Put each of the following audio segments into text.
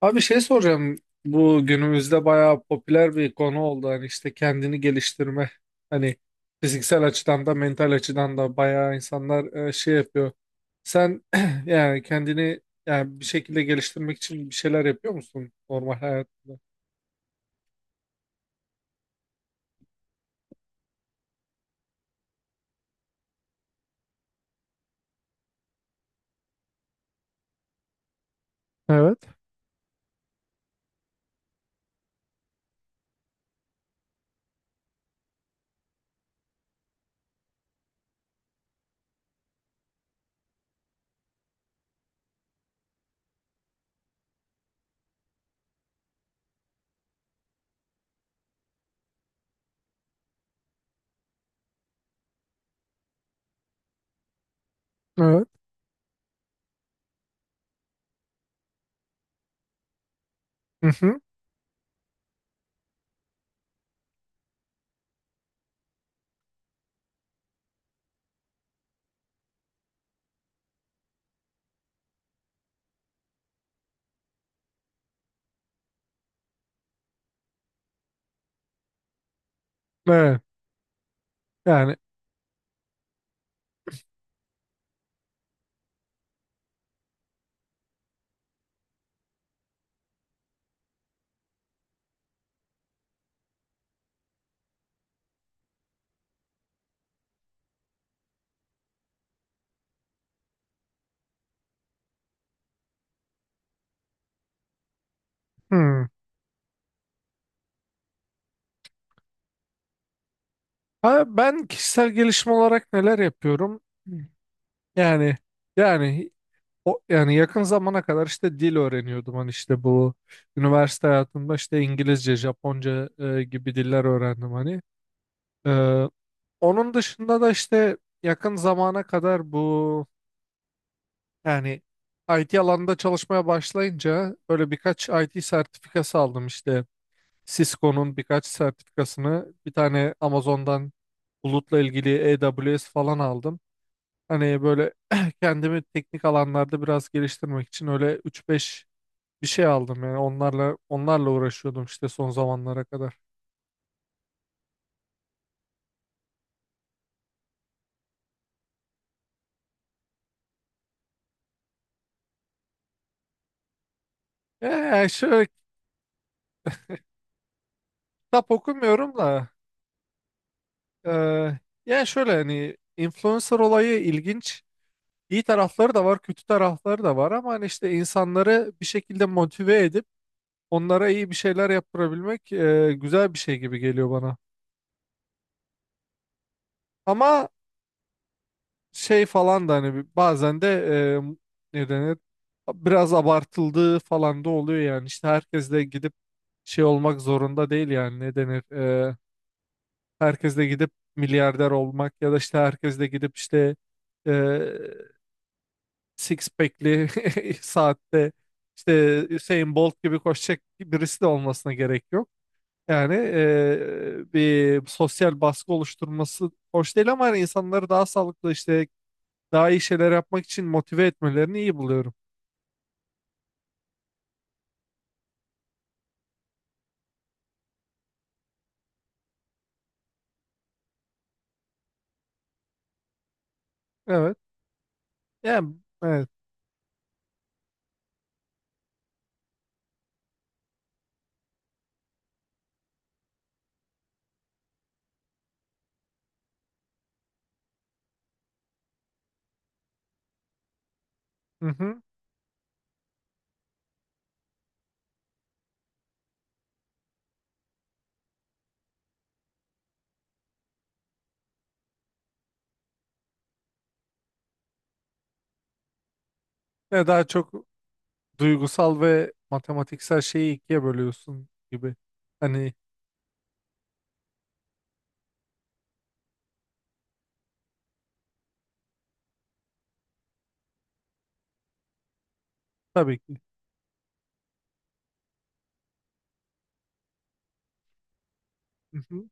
Abi şey soracağım. Bu günümüzde bayağı popüler bir konu oldu. Hani işte kendini geliştirme. Hani fiziksel açıdan da mental açıdan da bayağı insanlar şey yapıyor. Sen yani kendini yani bir şekilde geliştirmek için bir şeyler yapıyor musun normal hayatında? Evet, evet. Hı hı. Evet. Yani hı. Ha, ben kişisel gelişim olarak neler yapıyorum? Yani yani Yani yakın zamana kadar işte dil öğreniyordum. Hani işte bu üniversite hayatımda işte İngilizce, Japonca gibi diller öğrendim hani. E, Onun dışında da işte yakın zamana kadar bu yani IT alanında çalışmaya başlayınca böyle birkaç IT sertifikası aldım işte. Cisco'nun birkaç sertifikasını, bir tane Amazon'dan bulutla ilgili AWS falan aldım. Hani böyle kendimi teknik alanlarda biraz geliştirmek için öyle üç beş bir şey aldım, yani onlarla uğraşıyordum işte son zamanlara kadar. Yani şöyle, kitap okumuyorum da eee yani şöyle hani influencer olayı ilginç. İyi tarafları da var, kötü tarafları da var ama hani işte insanları bir şekilde motive edip onlara iyi bir şeyler yaptırabilmek güzel bir şey gibi geliyor bana. Ama şey falan da hani bazen de ne denir, biraz abartıldığı falan da oluyor yani. İşte herkes de gidip şey olmak zorunda değil, yani ne denir herkes de gidip milyarder olmak ya da işte herkes de gidip işte e, six pack'li saatte işte Usain Bolt gibi koşacak birisi de olmasına gerek yok. Yani bir sosyal baskı oluşturması hoş değil ama hani insanları daha sağlıklı işte daha iyi şeyler yapmak için motive etmelerini iyi buluyorum. Evet. Yani evet. Hı hı. Ya daha çok duygusal ve matematiksel şeyi ikiye bölüyorsun gibi. Hani tabii ki. Hı hı.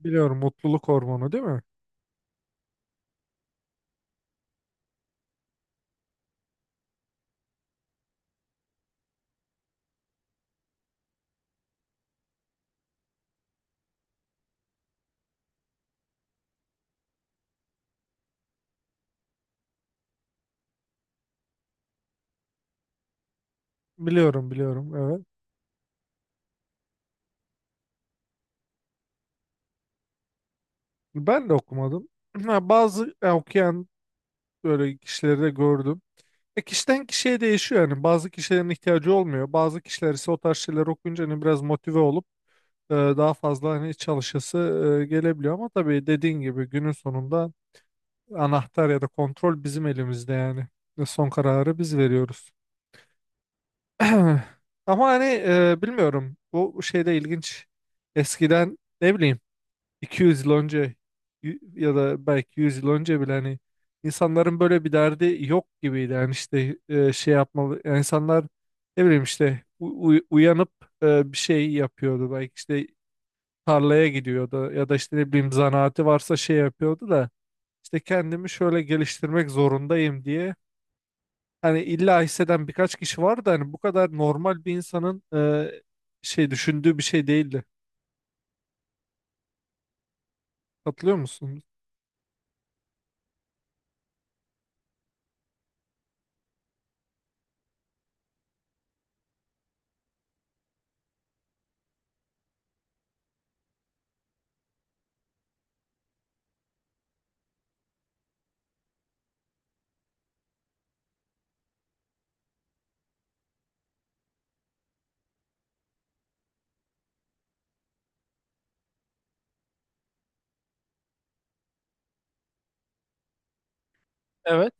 Biliyorum, mutluluk hormonu değil mi? Biliyorum, biliyorum, evet. Ben de okumadım. Ha, bazı okuyan böyle kişileri de gördüm. Kişiden kişiye değişiyor yani. Bazı kişilerin ihtiyacı olmuyor. Bazı kişiler ise o tarz şeyler okuyunca hani biraz motive olup daha fazla hani iç çalışası gelebiliyor ama tabii dediğin gibi günün sonunda anahtar ya da kontrol bizim elimizde yani. Ve son kararı biz veriyoruz. Ama hani bilmiyorum, bu şeyde ilginç. Eskiden ne bileyim 200 yıl önce ya da belki 100 yıl önce bile hani insanların böyle bir derdi yok gibiydi. Yani işte şey yapmalı, yani insanlar ne bileyim işte uyanıp bir şey yapıyordu. Belki işte tarlaya gidiyordu ya da işte ne bileyim zanaati varsa şey yapıyordu da işte kendimi şöyle geliştirmek zorundayım diye hani illa hisseden birkaç kişi var da hani bu kadar normal bir insanın şey düşündüğü bir şey değildi. Katılıyor musun? Evet.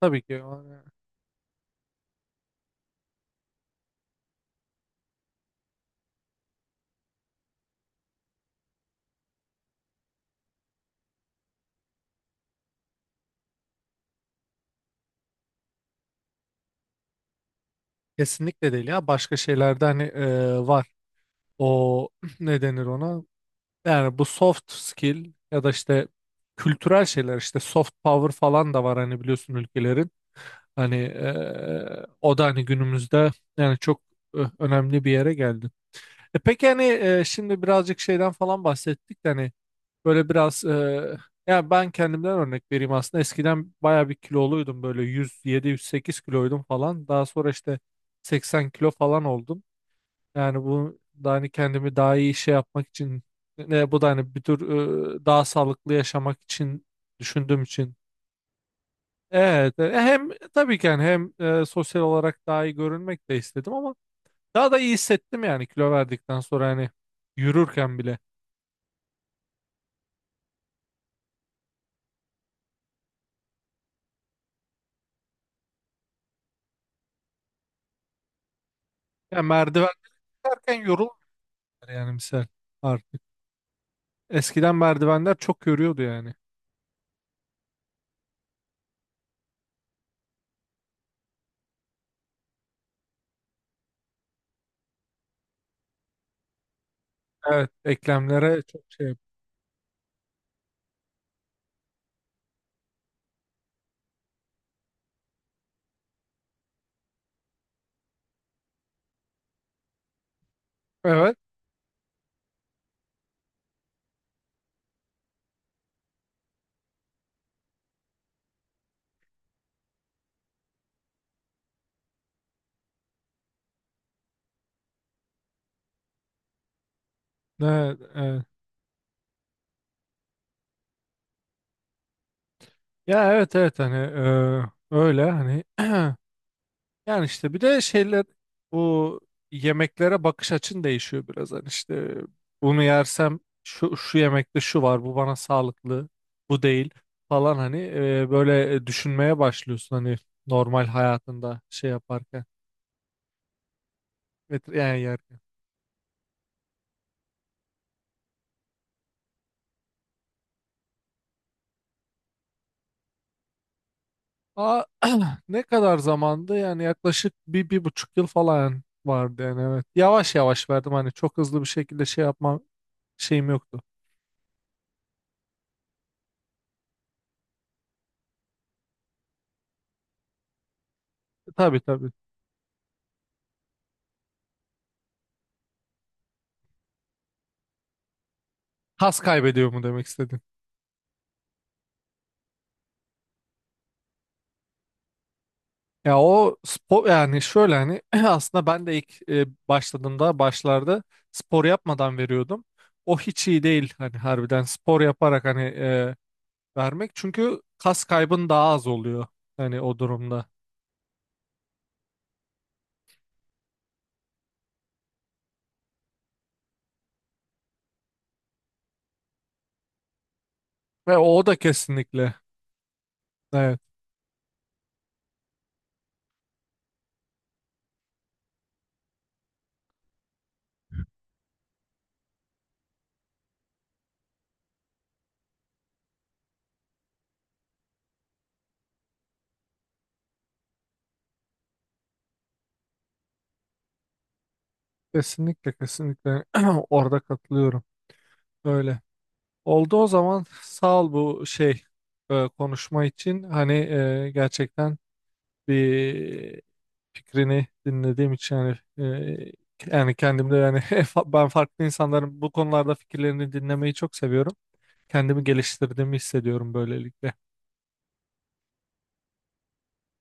Tabii ki yani. Kesinlikle değil ya, başka şeylerde hani var o ne denir ona, yani bu soft skill ya da işte kültürel şeyler, işte soft power falan da var hani, biliyorsun, ülkelerin. Hani o da hani günümüzde yani çok önemli bir yere geldi. E peki hani şimdi birazcık şeyden falan bahsettik de hani böyle biraz yani ben kendimden örnek vereyim. Aslında eskiden baya bir kiloluydum, böyle 107-108 kiloydum falan, daha sonra işte 80 kilo falan oldum. Yani bu da hani kendimi daha iyi şey yapmak için, ne, bu da hani bir tür daha sağlıklı yaşamak için düşündüğüm için. Evet, hem tabii ki yani hem sosyal olarak daha iyi görünmek de istedim ama daha da iyi hissettim yani kilo verdikten sonra hani yürürken bile. Yani merdiven çıkarken yorulmuyor yani misal artık. Eskiden merdivenler çok yoruyordu yani. Evet, eklemlere çok şey. Evet, evet, evet. Ya evet, evet hani öyle hani yani işte bir de şeyler, bu yemeklere bakış açın değişiyor biraz. Hani işte bunu yersem şu, şu yemekte şu var, bu bana sağlıklı, bu değil falan, hani böyle düşünmeye başlıyorsun hani normal hayatında şey yaparken, yani yerken. Aa, ne kadar zamandı, yani yaklaşık bir, bir buçuk yıl falan vardı yani, evet. Yavaş yavaş verdim hani, çok hızlı bir şekilde şey yapma şeyim yoktu. Tabii, tabii. Kas kaybediyor mu demek istedin? Ya o spor, yani şöyle hani aslında ben de ilk başladığımda başlarda spor yapmadan veriyordum. O hiç iyi değil hani, harbiden spor yaparak hani vermek, çünkü kas kaybın daha az oluyor hani o durumda. Ve o da kesinlikle, evet, kesinlikle kesinlikle orada katılıyorum. Öyle. Oldu o zaman, sağ ol bu şey konuşma için hani gerçekten bir fikrini dinlediğim için, yani yani kendimde yani ben farklı insanların bu konularda fikirlerini dinlemeyi çok seviyorum. Kendimi geliştirdiğimi hissediyorum böylelikle.